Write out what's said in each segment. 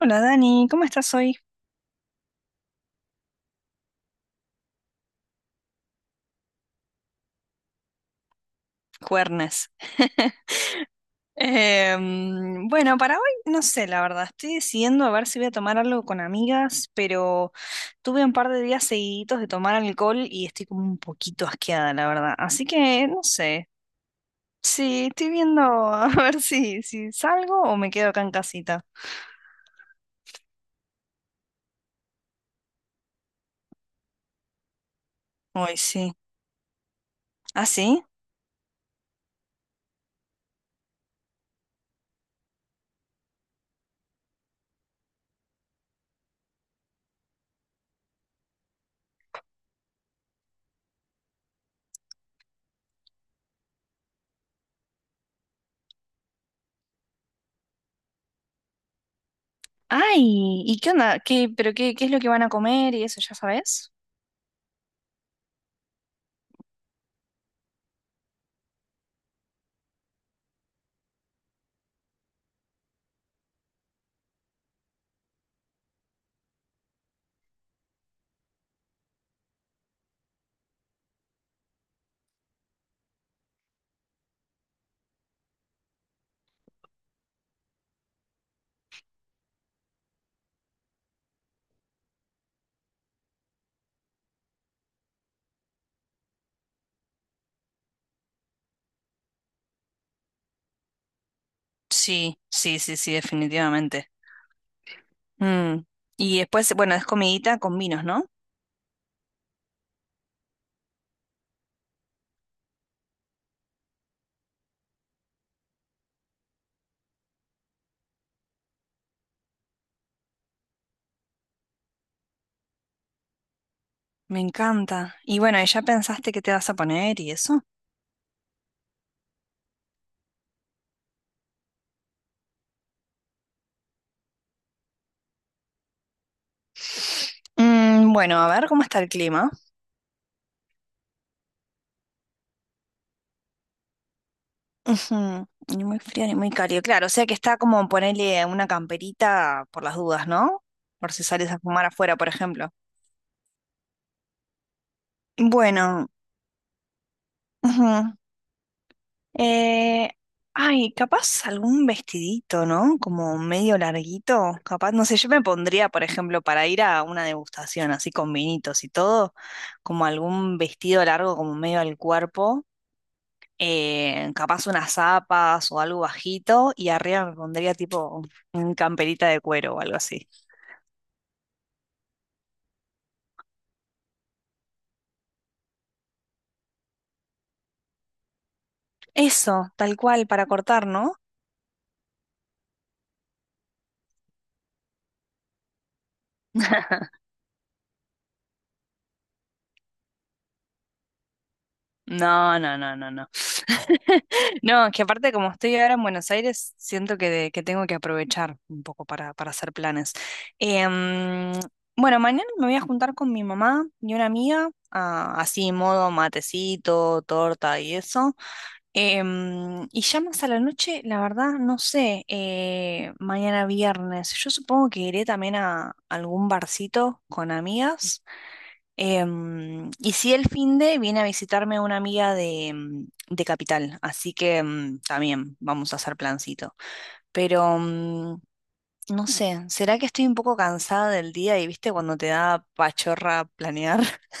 Hola Dani, ¿cómo estás hoy? Cuernes. Bueno, para hoy no sé, la verdad, estoy decidiendo a ver si voy a tomar algo con amigas, pero tuve un par de días seguiditos de tomar alcohol y estoy como un poquito asqueada, la verdad. Así que no sé, sí, estoy viendo a ver si salgo o me quedo acá en casita. Hoy sí. ¿Ah, sí? Ay, ¿y qué onda? ¿Qué, pero qué, qué es lo que van a comer y eso ya sabes? Sí, sí, sí, sí, definitivamente. Mm. Y después, bueno, es comidita con vinos, ¿no? Me encanta. Y bueno, ¿y ya pensaste qué te vas a poner y eso? Mm, bueno, a ver cómo está el clima. Ujú. Ni muy frío ni muy cálido. Claro, o sea que está como ponerle una camperita por las dudas, ¿no? Por si sales a fumar afuera, por ejemplo. Bueno, ujú. Eh, ay, capaz algún vestidito, ¿no? Como medio larguito. Capaz, no sé, yo me pondría, por ejemplo, para ir a una degustación así con vinitos y todo, como algún vestido largo como medio al cuerpo. Capaz unas zapas o algo bajito y arriba me pondría tipo un camperita de cuero o algo así. Eso, tal cual, para cortar, ¿no? No, no, no, no, no. No, que aparte como estoy ahora en Buenos Aires, siento que, que tengo que aprovechar un poco para hacer planes. Em, bueno, mañana me voy a juntar con mi mamá y una amiga, ah, así modo matecito, torta y eso. Y ya más a la noche, la verdad, no sé, mañana viernes, yo supongo que iré también a algún barcito con amigas. Y si el finde viene a visitarme una amiga de, de Capital, así que también vamos a hacer plancito. Pero no sé, ¿será que estoy un poco cansada del día y viste cuando te da pachorra planear?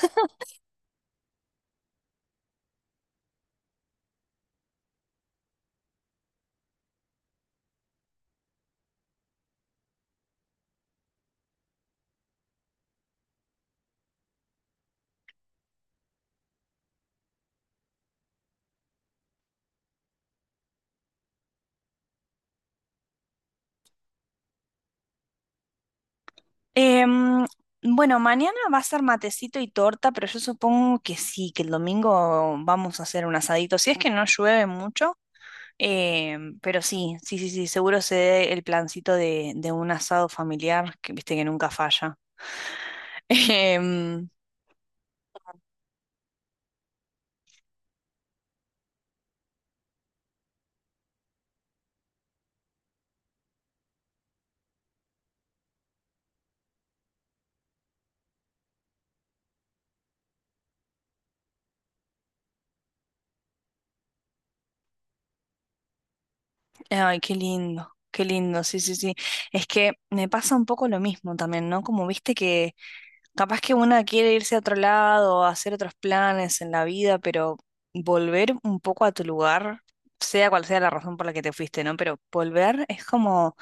Em, bueno, mañana va a ser matecito y torta, pero yo supongo que sí, que el domingo vamos a hacer un asadito. Si es que no llueve mucho, pero sí, sí, sí, sí, seguro se dé el plancito de un asado familiar, que viste que nunca falla. Em, ay, qué lindo, sí, sí, sí. Es que me pasa un poco lo mismo también, ¿no? Como viste que capaz que una quiere irse a otro lado, hacer otros planes en la vida, pero volver un poco a tu lugar, sea cual sea la razón por la que te fuiste, ¿no? Pero volver es como,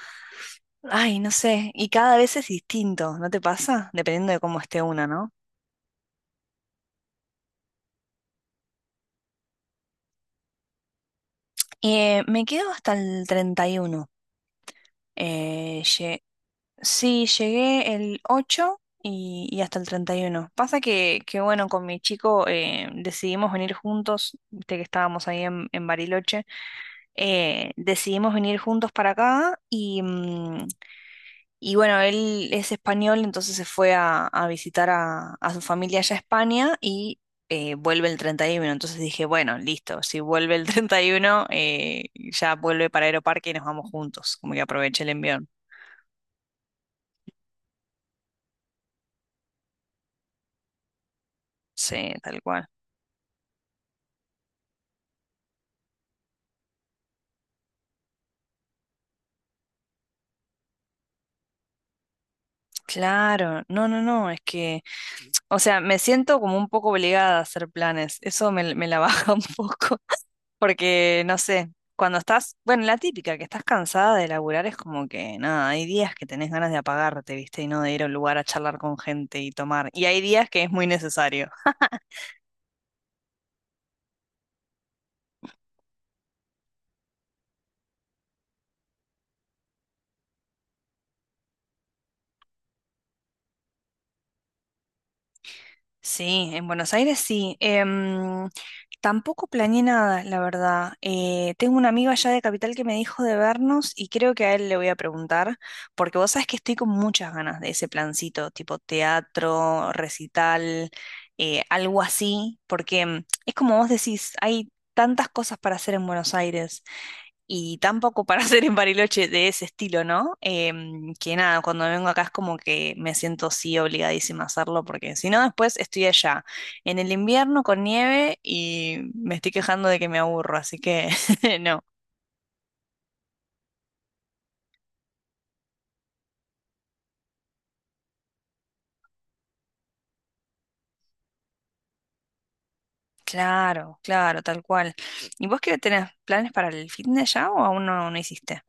ay, no sé, y cada vez es distinto, ¿no te pasa? Dependiendo de cómo esté una, ¿no? Me quedo hasta el 31. Eh, lle- Sí, llegué el 8 y hasta el 31. Pasa que bueno, con mi chico decidimos venir juntos, viste que estábamos ahí en Bariloche, decidimos venir juntos para acá y, y bueno, él es español, entonces se fue a visitar a su familia allá a España y vuelve el 31. Entonces dije, bueno, listo, si vuelve el 31, ya vuelve para Aeroparque y nos vamos juntos, como que aproveché el envión. Sí, tal cual. Claro, no, no, no, es que, o sea, me siento como un poco obligada a hacer planes, eso me, me la baja un poco, porque no sé, cuando estás, bueno, la típica, que estás cansada de laburar es como que, nada, hay días que tenés ganas de apagarte, ¿viste? Y no de ir a un lugar a charlar con gente y tomar, y hay días que es muy necesario. Sí, en Buenos Aires sí. Tampoco planeé nada, la verdad. Tengo una amigo allá de Capital que me dijo de vernos y creo que a él le voy a preguntar, porque vos sabés que estoy con muchas ganas de ese plancito, tipo teatro, recital, algo así, porque es como vos decís, hay tantas cosas para hacer en Buenos Aires y tampoco para hacer en Bariloche de ese estilo, ¿no? Que nada, cuando vengo acá es como que me siento sí obligadísima a hacerlo, porque si no, después estoy allá en el invierno con nieve y me estoy quejando de que me aburro, así que no. Claro, claro, tal cual. ¿Y vos qué tenés planes para el fitness ya o aún no, no hiciste?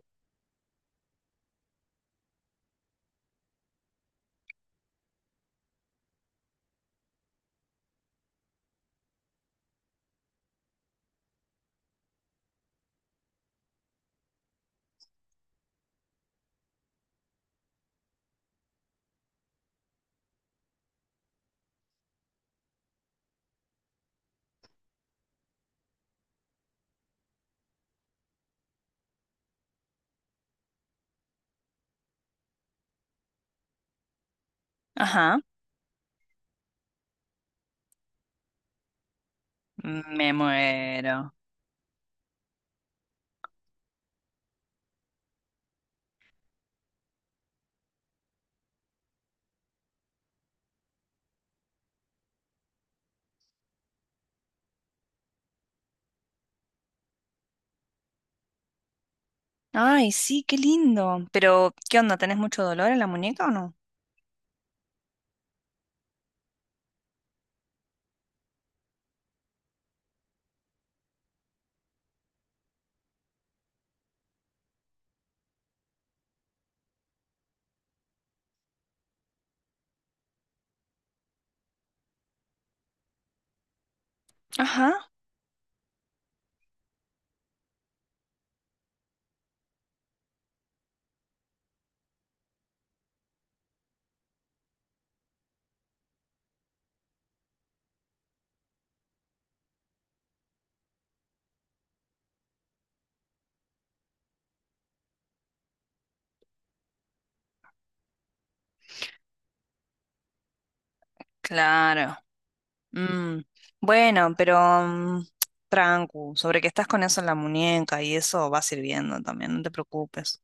Ajá. Me muero. Ay, sí, qué lindo. Pero, ¿qué onda? ¿Tenés mucho dolor en la muñeca o no? Ajá. Claro. Mm, bueno, pero trancu, sobre que estás con eso en la muñeca y eso va sirviendo también, no te preocupes.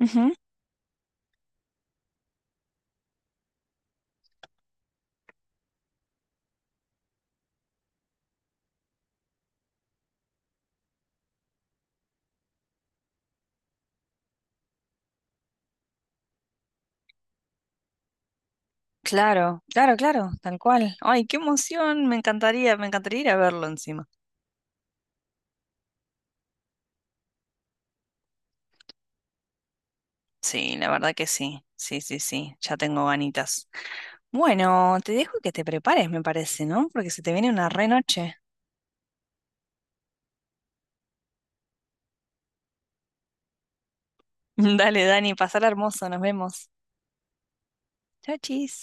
Ujú, claro, claro, claro, tal cual. Ay, qué emoción, me encantaría ir a verlo encima. Sí, la verdad que sí, sí, sí, sí, ya tengo ganitas. Bueno, te dejo que te prepares, me parece, ¿no? Porque se te viene una re noche. Dale, Dani, pasar hermoso, nos vemos. Chau, chis.